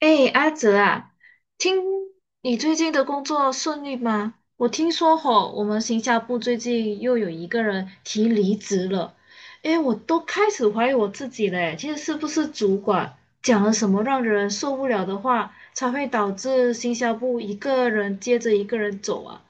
哎，阿泽啊，听你最近的工作顺利吗？我听说吼，我们行销部最近又有一个人提离职了。哎，我都开始怀疑我自己嘞，其实是不是主管讲了什么让人受不了的话，才会导致行销部一个人接着一个人走啊？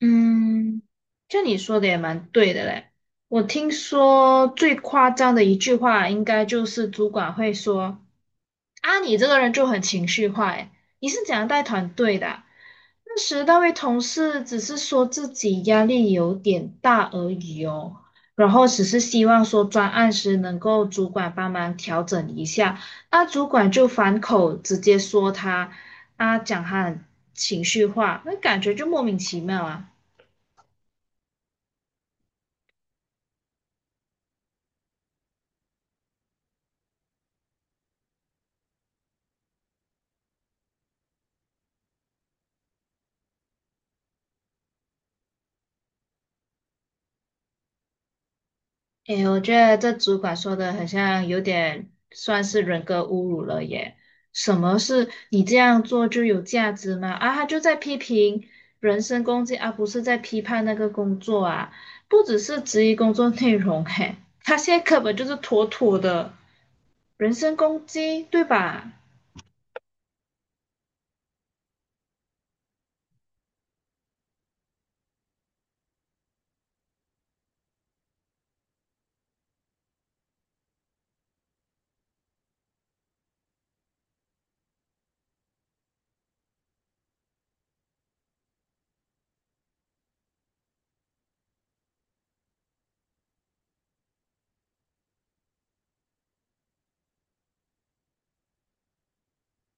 嗯，就你说的也蛮对的嘞。我听说最夸张的一句话，应该就是主管会说："啊，你这个人就很情绪化，诶，你是怎样带团队的啊？"那时那位同事只是说自己压力有点大而已哦，然后只是希望说专案时能够主管帮忙调整一下，那主管就反口直接说他，啊，讲他很情绪化，那感觉就莫名其妙啊。诶，我觉得这主管说的很像有点算是人格侮辱了耶。什么是你这样做就有价值吗？啊，他就在批评，人身攻击，而、不是在批判那个工作啊。不只是质疑工作内容，嘿，他现在根本就是妥妥的人身攻击，对吧？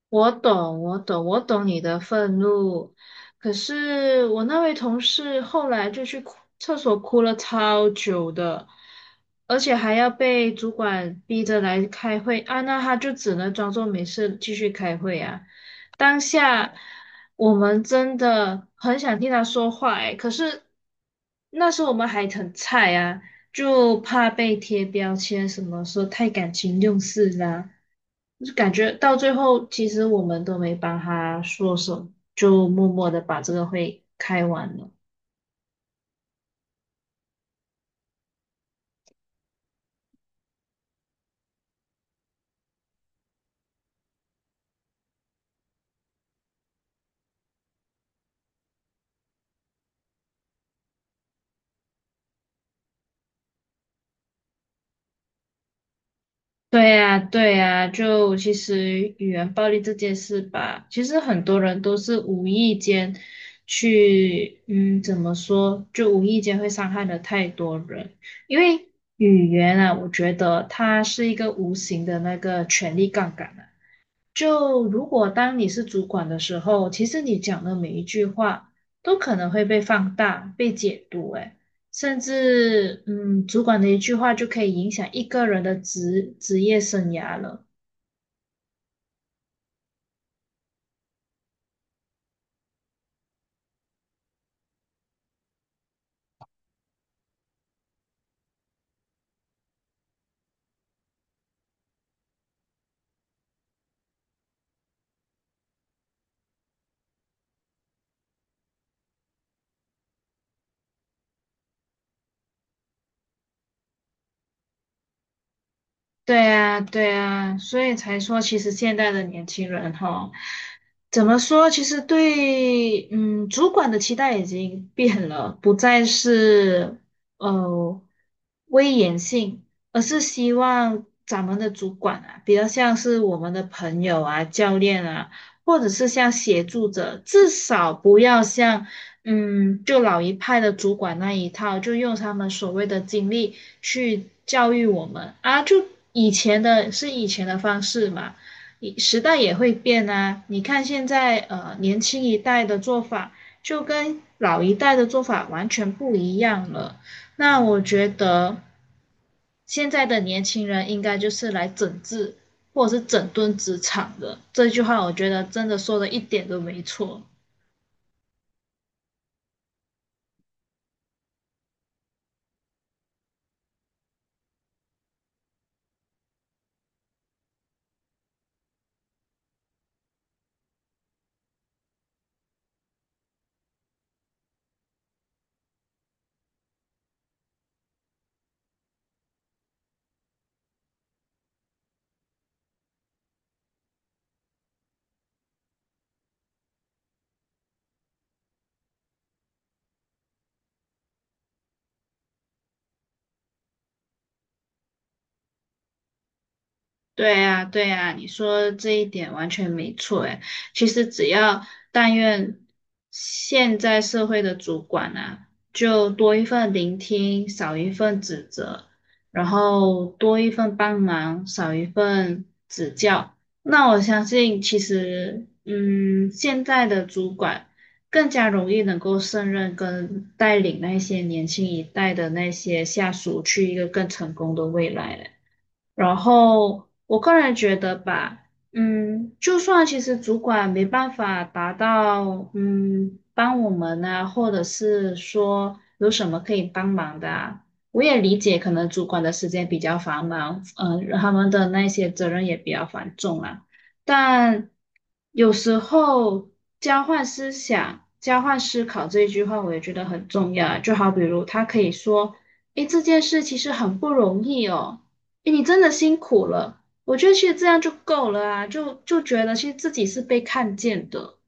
我懂，我懂你的愤怒。可是我那位同事后来就去哭厕所哭了超久的，而且还要被主管逼着来开会啊，那他就只能装作没事继续开会啊。当下我们真的很想听他说话，诶，可是那时候我们还很菜啊。就怕被贴标签，什么说太感情用事啦，就是感觉到最后，其实我们都没帮他说什么，就默默的把这个会开完了。对呀，对呀，就其实语言暴力这件事吧，其实很多人都是无意间去，嗯，怎么说，就无意间会伤害了太多人。因为语言啊，我觉得它是一个无形的那个权力杠杆啊，就如果当你是主管的时候，其实你讲的每一句话都可能会被放大、被解读，诶，甚至嗯，主管的一句话就可以影响一个人的职业生涯了。对呀，对呀，所以才说，其实现在的年轻人哈，怎么说？其实对，嗯，主管的期待已经变了，不再是呃威严性，而是希望咱们的主管啊，比较像是我们的朋友啊、教练啊，或者是像协助者，至少不要像嗯，就老一派的主管那一套，就用他们所谓的经历去教育我们啊，就以前的是以前的方式嘛，以时代也会变啊。你看现在年轻一代的做法，就跟老一代的做法完全不一样了。那我觉得现在的年轻人应该就是来整治或者是整顿职场的，这句话我觉得真的说的一点都没错。对呀，对呀，你说这一点完全没错哎。其实只要但愿现在社会的主管啊，就多一份聆听，少一份指责，然后多一份帮忙，少一份指教。那我相信，其实，嗯，现在的主管更加容易能够胜任跟带领那些年轻一代的那些下属去一个更成功的未来了。然后我个人觉得吧，嗯，就算其实主管没办法达到，嗯，帮我们啊，或者是说有什么可以帮忙的啊，我也理解，可能主管的时间比较繁忙，嗯、他们的那些责任也比较繁重啦。但有时候交换思想、交换思考这一句话，我也觉得很重要啊。就好比如他可以说。诶，这件事其实很不容易哦，诶你真的辛苦了。我觉得其实这样就够了啊，就觉得其实自己是被看见的。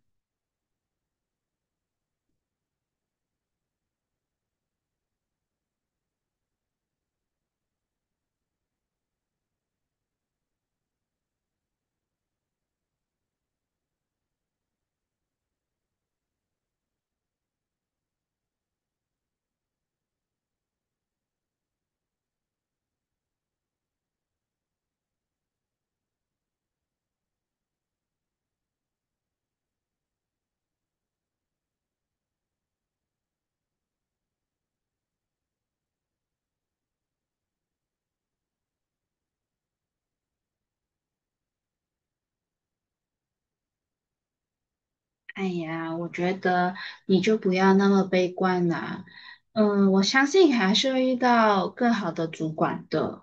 哎呀，我觉得你就不要那么悲观啦。嗯，我相信还是会遇到更好的主管的。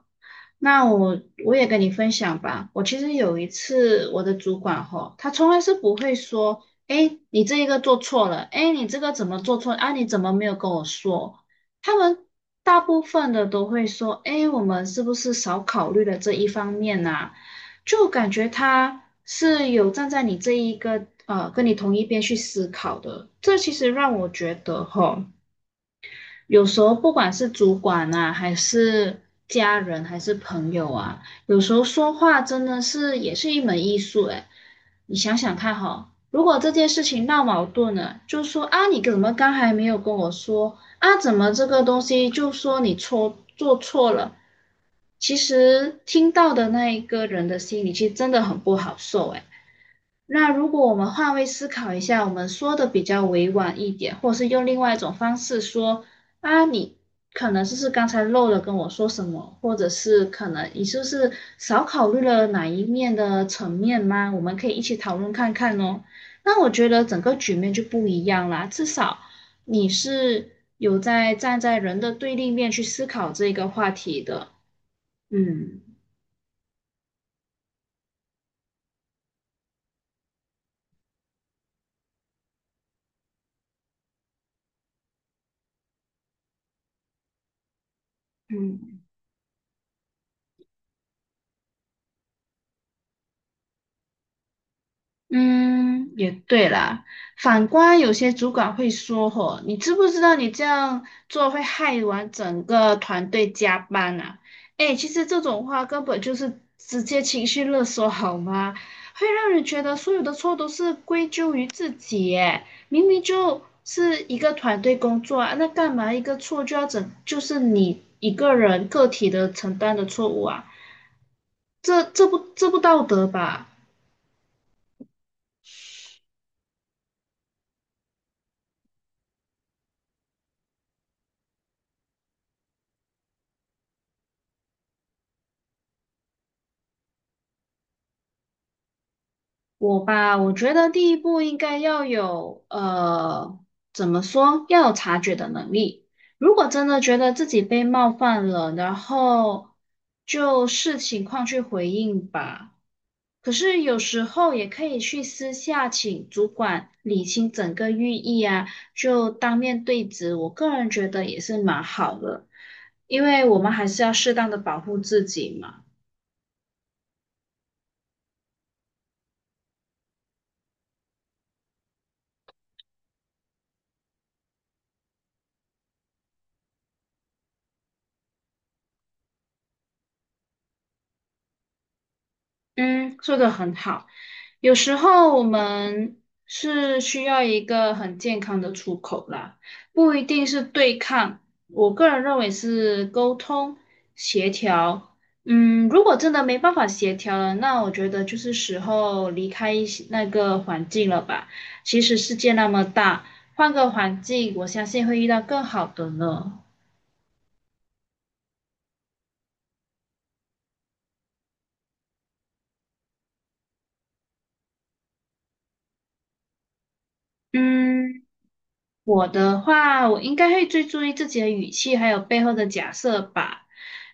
那我也跟你分享吧。我其实有一次，我的主管吼，他从来是不会说，哎，你这一个做错了，哎，你这个怎么做错啊？你怎么没有跟我说？他们大部分的都会说，哎，我们是不是少考虑了这一方面啊？就感觉他。是有站在你这一个跟你同一边去思考的。这其实让我觉得哈，有时候不管是主管啊，还是家人，还是朋友啊，有时候说话真的是也是一门艺术诶。你想想看哈，如果这件事情闹矛盾了，就说啊你怎么刚还没有跟我说啊，怎么这个东西就说你做错了，其实听到的那一个人的心里其实真的很不好受诶。那如果我们换位思考一下，我们说的比较委婉一点，或是用另外一种方式说啊，你可能就是刚才漏了跟我说什么，或者是可能你是不是少考虑了哪一面的层面吗？我们可以一起讨论看看哦。那我觉得整个局面就不一样啦，至少你是有在站在人的对立面去思考这个话题的，嗯。嗯。嗯，也对啦。反观有些主管会说："吼，你知不知道你这样做会害完整个团队加班啊？"哎，其实这种话根本就是直接情绪勒索，好吗？会让人觉得所有的错都是归咎于自己，耶，明明就是一个团队工作啊，那干嘛一个错就要整，就是你一个人个体的承担的错误啊？这不道德吧？我吧，我觉得第一步应该要有，怎么说，要有察觉的能力。如果真的觉得自己被冒犯了，然后就视情况去回应吧。可是有时候也可以去私下请主管理清整个寓意啊，就当面对质，我个人觉得也是蛮好的，因为我们还是要适当的保护自己嘛。嗯，说的很好。有时候我们是需要一个很健康的出口啦，不一定是对抗。我个人认为是沟通协调。嗯，如果真的没办法协调了，那我觉得就是时候离开一些那个环境了吧。其实世界那么大，换个环境，我相信会遇到更好的呢。嗯。我的话，我应该会最注意自己的语气，还有背后的假设吧。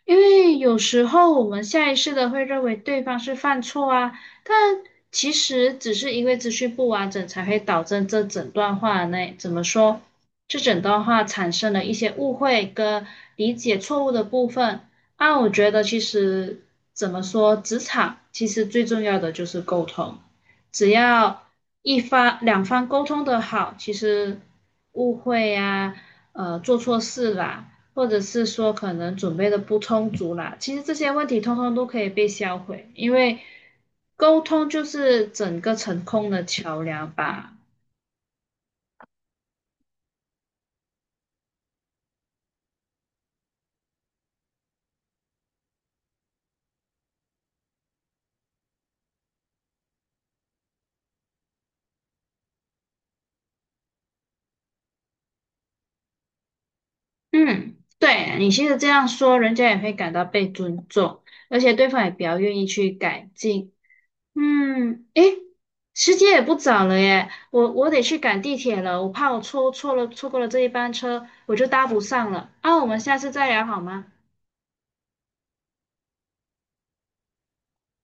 因为有时候我们下意识的会认为对方是犯错啊，但其实只是因为资讯不完整，才会导致这整段话内怎么说，这整段话产生了一些误会跟理解错误的部分。啊，我觉得其实怎么说，职场其实最重要的就是沟通。只要一方两方沟通的好，其实误会啊，做错事啦，或者是说可能准备的不充足啦，其实这些问题通通都可以被销毁，因为沟通就是整个成功的桥梁吧。嗯，对，你其实这样说，人家也会感到被尊重，而且对方也比较愿意去改进。嗯，诶，时间也不早了耶，我得去赶地铁了，我怕我错过了这一班车，我就搭不上了。啊，我们下次再聊好吗？